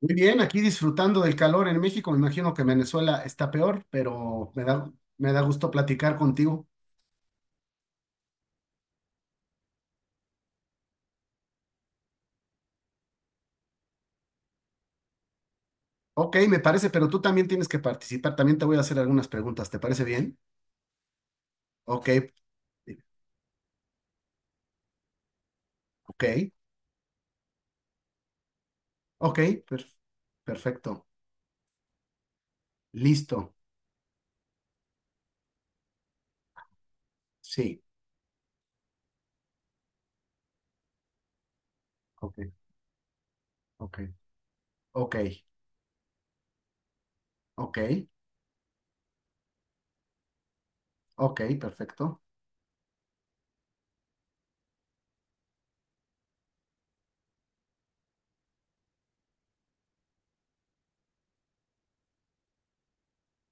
Muy bien, aquí disfrutando del calor en México. Me imagino que Venezuela está peor, pero me da gusto platicar contigo. Ok, me parece, pero tú también tienes que participar. También te voy a hacer algunas preguntas. ¿Te parece bien? Ok, ok, ok, per- perfecto. Listo. Sí, ok, ok, ok, ok, ok, perfecto.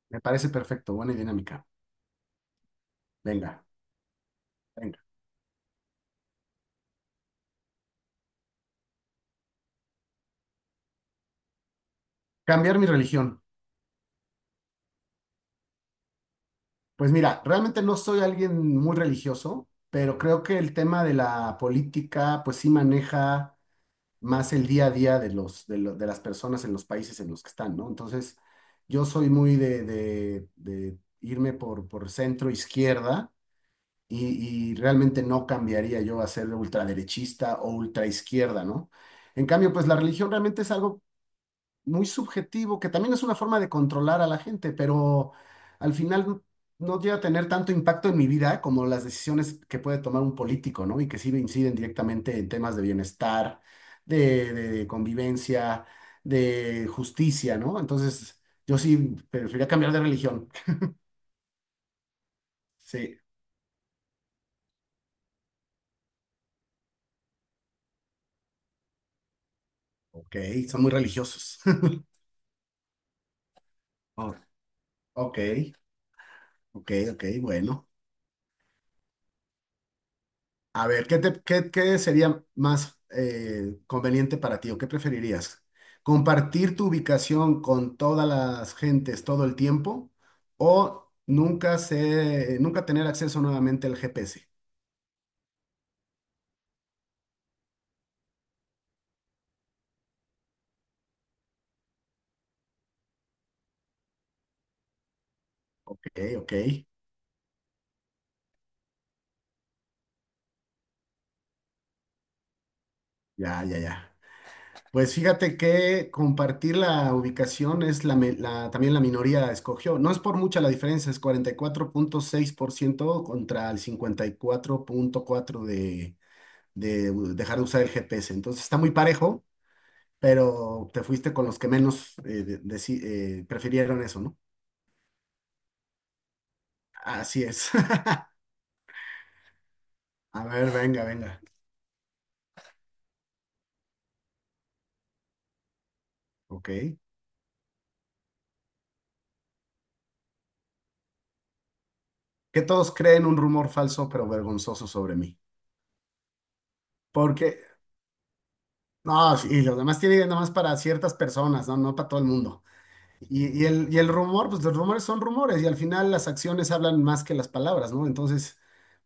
Me parece perfecto. Buena dinámica. Venga, venga. Cambiar mi religión. Pues mira, realmente no soy alguien muy religioso, pero creo que el tema de la política, pues sí maneja más el día a día de las personas en los países en los que están, ¿no? Entonces, yo soy muy de irme por centro izquierda y realmente no cambiaría yo a ser ultraderechista o ultraizquierda, ¿no? En cambio, pues la religión realmente es algo muy subjetivo, que también es una forma de controlar a la gente, pero al final no llega a tener tanto impacto en mi vida como las decisiones que puede tomar un político, ¿no? Y que sí inciden directamente en temas de bienestar, de convivencia, de justicia, ¿no? Entonces, yo sí preferiría cambiar de religión. Sí, ok, son muy religiosos. Oh, ok, ok, ok, bueno. A ver, ¿qué sería más conveniente para ti o qué preferirías? ¿Compartir tu ubicación con todas las gentes todo el tiempo o nunca tener acceso nuevamente al GPS? Ok, ok, ya, ya, ya. Pues fíjate que compartir la ubicación es también la minoría escogió. No es por mucha la diferencia, es 44.6% contra el 54.4% de dejar de usar el GPS. Entonces está muy parejo, pero te fuiste con los que menos prefirieron eso, ¿no? Así es. A ver, venga, venga. Ok. Que todos creen un rumor falso pero vergonzoso sobre mí. Porque, no, y los demás tienen nada más para ciertas personas, ¿no? No para todo el mundo. Y el rumor, pues los rumores son rumores y al final las acciones hablan más que las palabras, ¿no? Entonces,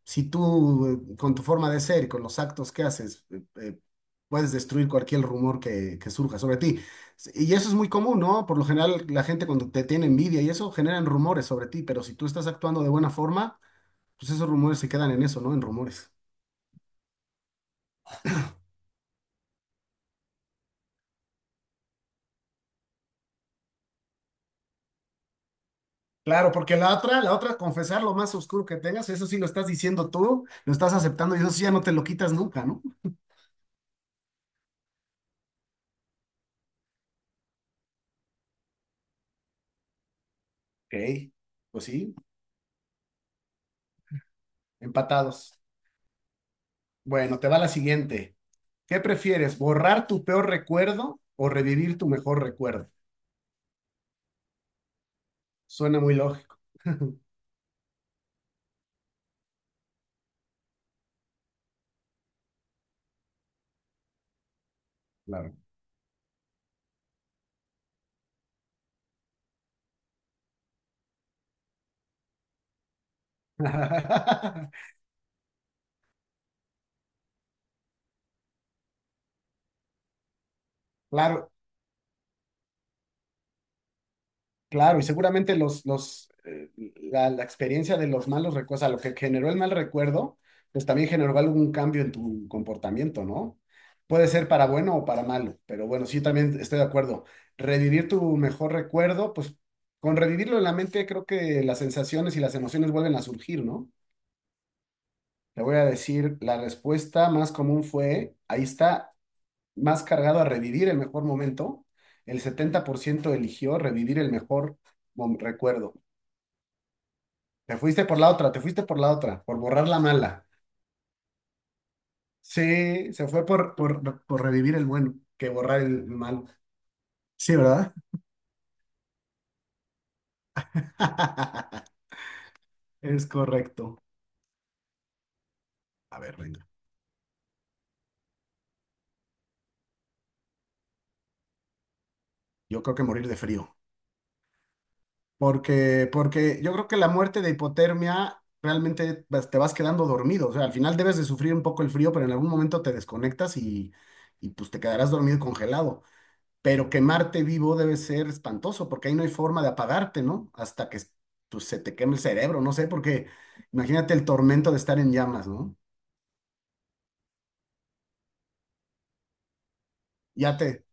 si tú con tu forma de ser y con los actos que haces, puedes destruir cualquier rumor que surja sobre ti. Y eso es muy común, ¿no? Por lo general, la gente cuando te tiene envidia y eso generan rumores sobre ti, pero si tú estás actuando de buena forma, pues esos rumores se quedan en eso, ¿no? En rumores. Claro, porque la otra, confesar lo más oscuro que tengas, eso sí lo estás diciendo tú, lo estás aceptando y eso sí ya no te lo quitas nunca, ¿no? Ok, pues sí, empatados. Bueno, te va la siguiente. ¿Qué prefieres, borrar tu peor recuerdo o revivir tu mejor recuerdo? Suena muy lógico, claro. Claro, Claro, y seguramente la experiencia de los malos recuerdos, o sea, lo que generó el mal recuerdo, pues también generó algún cambio en tu comportamiento, ¿no? Puede ser para bueno o para malo, pero bueno, sí, también estoy de acuerdo. Revivir tu mejor recuerdo, pues con revivirlo en la mente, creo que las sensaciones y las emociones vuelven a surgir, ¿no? Te voy a decir, la respuesta más común fue, ahí está, más cargado a revivir el mejor momento. El 70% eligió revivir el mejor recuerdo. Te fuiste por la otra, te fuiste por la otra, por borrar la mala. Sí, se fue por revivir el bueno, que borrar el mal. Sí, ¿verdad? Es correcto. A ver, venga. Yo creo que morir de frío. Porque yo creo que la muerte de hipotermia realmente te vas quedando dormido. O sea, al final debes de sufrir un poco el frío, pero en algún momento te desconectas y pues te quedarás dormido y congelado. Pero quemarte vivo debe ser espantoso, porque ahí no hay forma de apagarte, ¿no? Hasta que pues, se te queme el cerebro, no sé, porque imagínate el tormento de estar en llamas, ¿no? Ya te...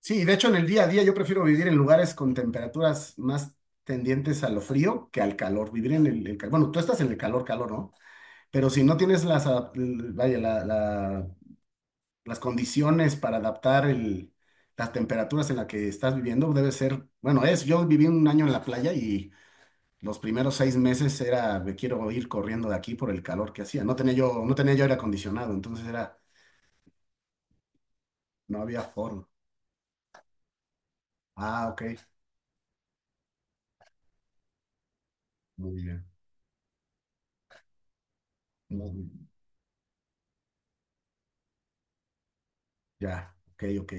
Sí, de hecho en el día a día yo prefiero vivir en lugares con temperaturas más tendientes a lo frío que al calor, vivir en el calor. Bueno, tú estás en el calor, calor, ¿no? Pero si no tienes las, adap- l- vaya, la- la- las condiciones para adaptar las temperaturas en las que estás viviendo, debe ser, bueno, yo viví un año en la playa y... Los primeros 6 meses era, me quiero ir corriendo de aquí por el calor que hacía. No tenía yo aire acondicionado, entonces era, no había forma. Ah, ok, muy bien. muy- ya, ok, ok.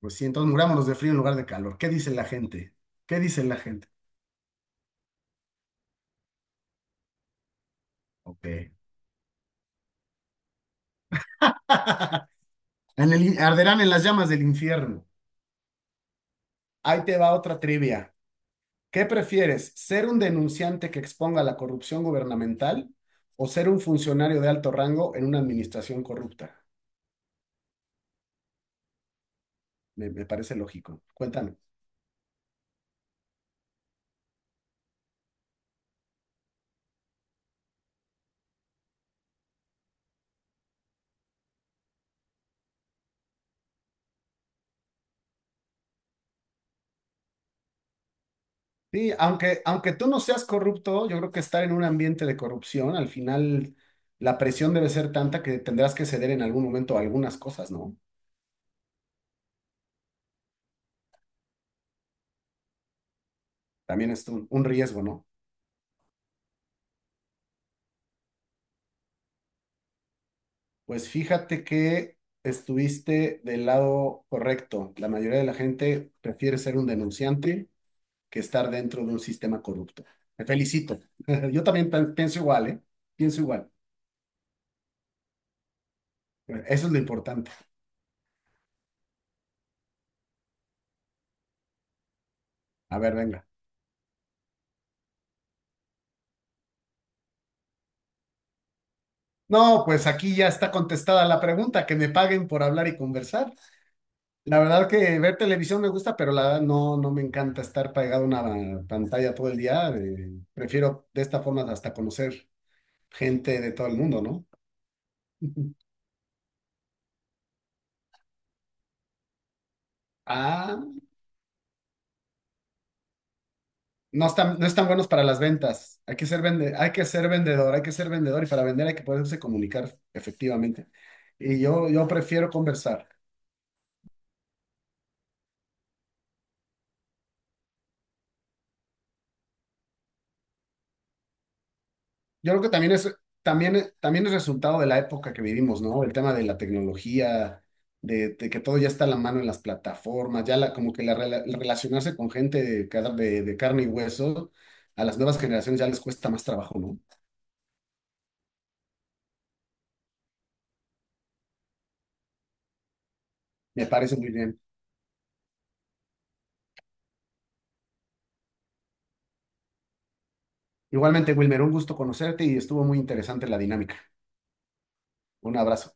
Pues sí, entonces murámonos de frío en lugar de calor. ¿Qué dice la gente? ¿Qué dice la gente? Ok. Arderán en las llamas del infierno. Ahí te va otra trivia. ¿Qué prefieres, ser un denunciante que exponga la corrupción gubernamental o ser un funcionario de alto rango en una administración corrupta? Me parece lógico. Cuéntame. Sí, aunque tú no seas corrupto, yo creo que estar en un ambiente de corrupción, al final la presión debe ser tanta que tendrás que ceder en algún momento a algunas cosas, ¿no? También es un riesgo, ¿no? Pues fíjate que estuviste del lado correcto. La mayoría de la gente prefiere ser un denunciante que estar dentro de un sistema corrupto. Me felicito. Yo también pienso igual, ¿eh? Pienso igual. Eso es lo importante. A ver, venga. No, pues aquí ya está contestada la pregunta, que me paguen por hablar y conversar. La verdad que ver televisión me gusta, pero la verdad no me encanta estar pegado a una pantalla todo el día. Prefiero de esta forma hasta conocer gente de todo el mundo, ¿no? Ah, no están buenos para las ventas. Hay que ser vendedor y para vender hay que poderse comunicar efectivamente. Y yo prefiero conversar. Yo creo que también es resultado de la época que vivimos, ¿no? El tema de la tecnología, de que todo ya está a la mano en las plataformas, ya la, como que la, rela- el relacionarse con gente de carne y hueso, a las nuevas generaciones ya les cuesta más trabajo, ¿no? Me parece muy bien. Igualmente, Wilmer, un gusto conocerte y estuvo muy interesante la dinámica. Un abrazo.